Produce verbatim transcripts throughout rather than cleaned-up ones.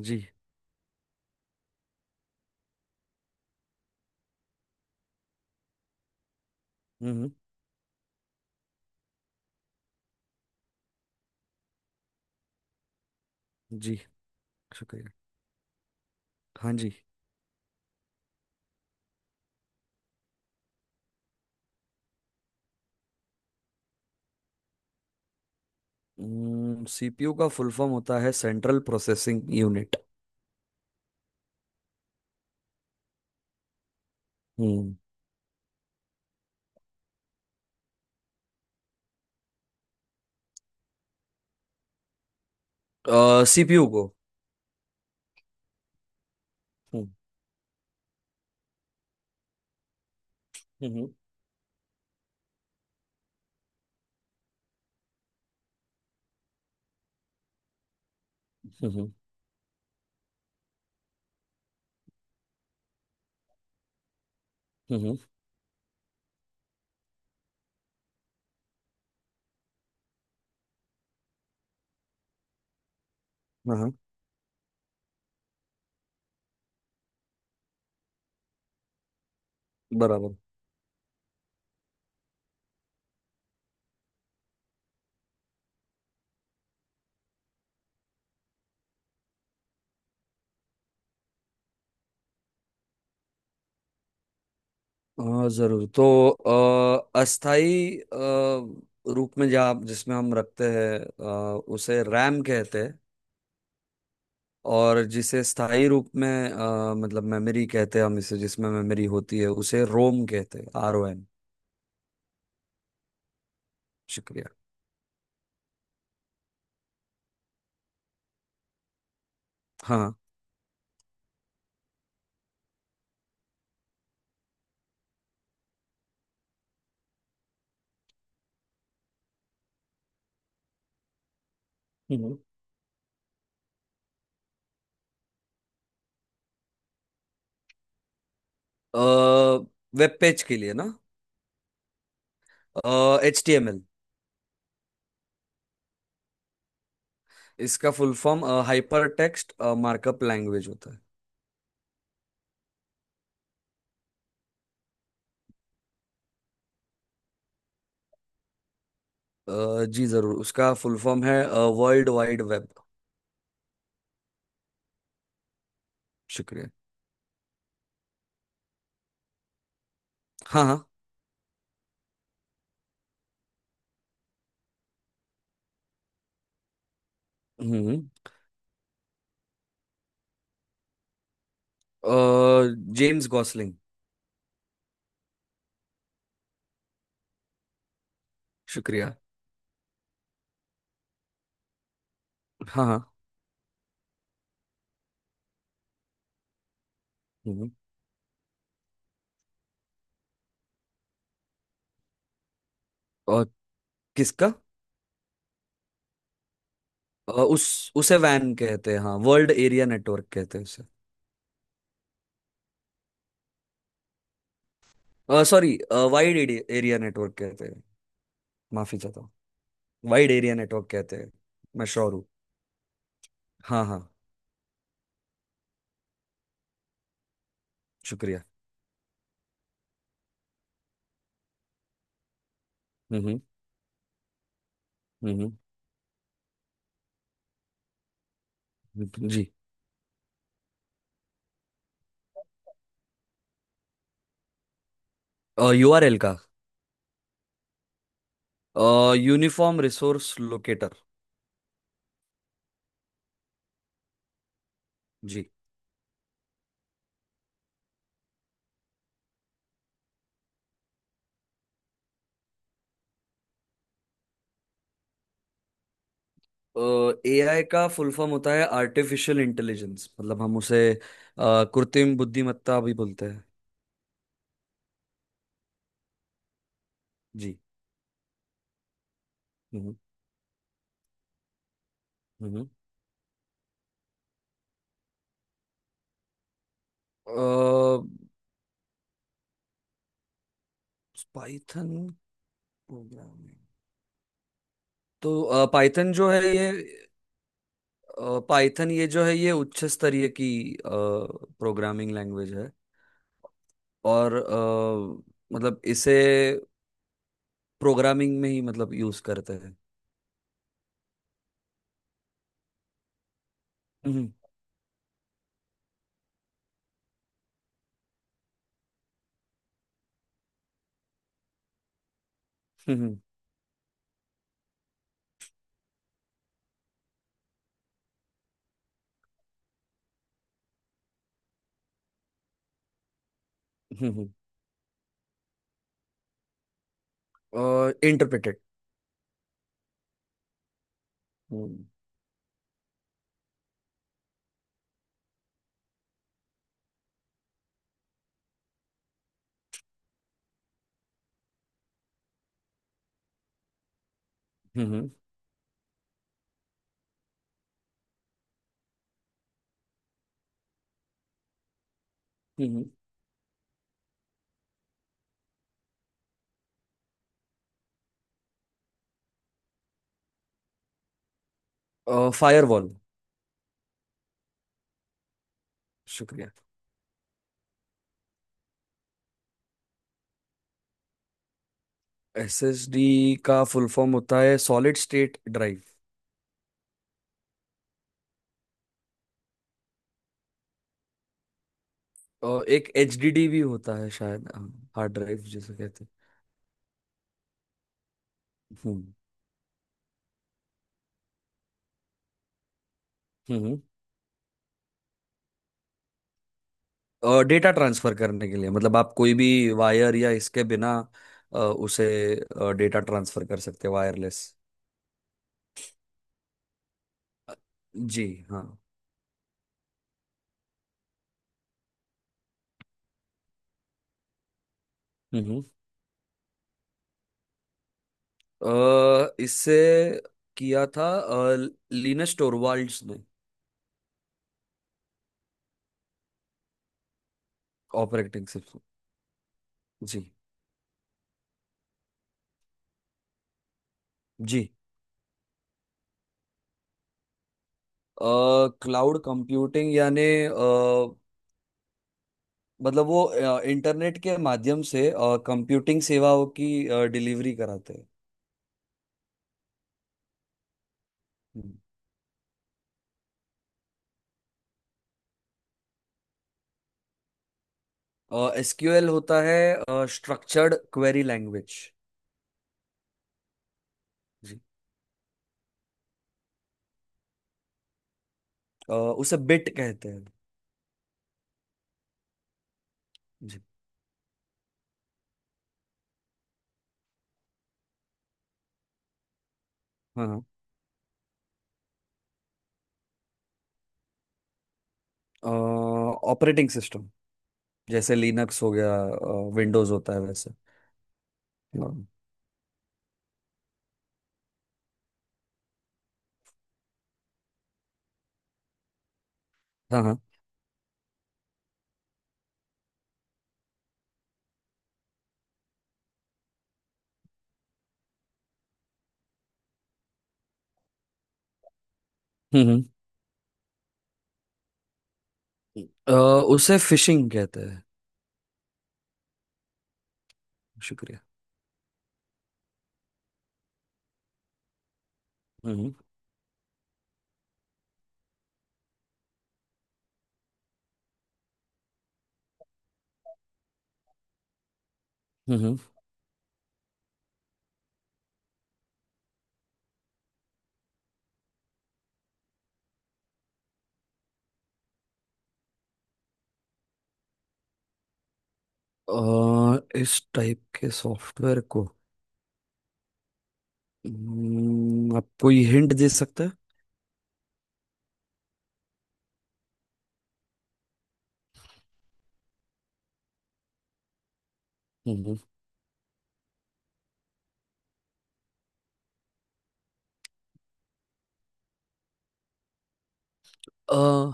जी। हम्म। जी। शुक्रिया। हाँ जी। सीपीयू का फुल फॉर्म होता है सेंट्रल प्रोसेसिंग यूनिट। हम्म। सीपीयू को। हम्म। हम्म। हम्म। हम्म। हम्म। हाँ, हाँ। बराबर। हाँ, जरूर। तो अ, अस्थाई अ, रूप में जा जिसमें हम रखते हैं, अ, उसे रैम कहते हैं। और जिसे स्थाई रूप में, अ, मतलब मेमोरी कहते हैं, हम इसे जिसमें मेमोरी होती है उसे रोम कहते हैं, आर ओ एम। शुक्रिया। हाँ। हम्म। वेब पेज के लिए ना? H T M L. इसका full form hyper text markup language होता है। अ, जी, जरूर। उसका फुल फॉर्म है वर्ल्ड वाइड वेब। शुक्रिया। हाँ, हाँ। हम्म। James Gosling. शुक्रिया। हाँ, हाँ। हम्म। हम्म। और? किसका? अ, उस उसे वैन कहते हैं। हाँ, वर्ल्ड एरिया नेटवर्क कहते हैं उसे। सॉरी। वाइड एरिया नेटवर्क कहते हैं। माफी चाहता हूँ। वाइड एरिया नेटवर्क कहते हैं। मैं श्योर हूँ। हाँ, हाँ। शुक्रिया। हम्म हम्म। हम्म। हम्म, जी। यूआरएल का? Uniform resource locator. जी। एआई का फुल फॉर्म होता है आर्टिफिशियल इंटेलिजेंस, मतलब हम उसे अ, कृत्रिम बुद्धिमत्ता भी बोलते हैं। जी। हम्म। हम्म। पाइथन। प्रोग्रामिंग। तो पाइथन जो है ये, पाइथन, ये जो है ये उच्च स्तरीय की प्रोग्रामिंग लैंग्वेज है। और अ, मतलब इसे प्रोग्रामिंग में ही मतलब यूज करते हैं। हम्म। हम्म। हम्म। और इंटरप्रेटेड। हम्म। हम्म। हम्म। फायरवॉल। शुक्रिया। एसएसडी का फुल फॉर्म होता है सॉलिड स्टेट ड्राइव। और एक एचडीडी भी होता है शायद, हार्ड ड्राइव जिसे कहते हैं। हम्म। हम्म। और डेटा ट्रांसफर करने के लिए, मतलब आप कोई भी वायर या इसके बिना अ, उसे डेटा ट्रांसफर कर सकते हैं, वायरलेस। जी। हाँ। हम्म। अ, इससे किया था लिनस टोरवाल्ड्स ने। Operating system. जी। जी। क्लाउड कंप्यूटिंग यानी अ, मतलब वो अ, इंटरनेट के माध्यम से कंप्यूटिंग सेवाओं की डिलीवरी कराते हैं। एसक्यूएल होता है स्ट्रक्चर्ड क्वेरी लैंग्वेज। जी। अ, उसे बिट कहते हैं। जी। हाँ, हाँ। ऑपरेटिंग सिस्टम, जैसे लिनक्स हो गया, विंडोज होता है वैसे। हाँ। हाँ, हाँ। हम्म। हम्म। अ, उसे फिशिंग कहते हैं। शुक्रिया। हम्म। हम्म। हम्म। आ, इस टाइप के सॉफ्टवेयर को, हम्म, आप कोई हिंट दे सकते हैं? हम्म। आ,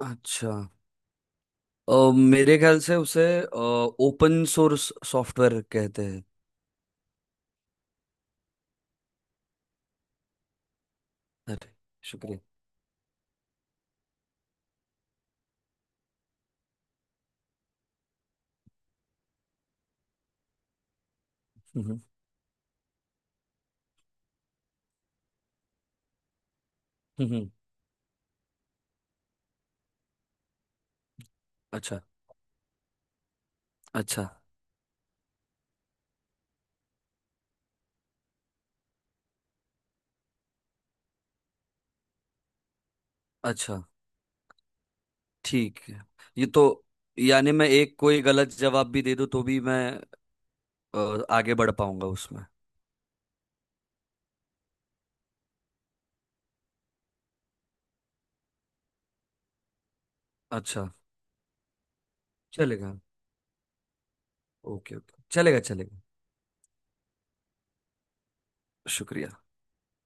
अच्छा। आ, मेरे ख्याल से उसे ओपन सोर्स सॉफ्टवेयर कहते हैं। अरे, शुक्रिया। हम्म। हम्म। अच्छा। अच्छा। अच्छा। ठीक है। ये तो, यानी मैं एक कोई गलत जवाब भी दे दूं तो भी मैं अ, आगे बढ़ पाऊंगा उसमें? अच्छा। चलेगा। ओके, ओके, चलेगा, चलेगा। शुक्रिया।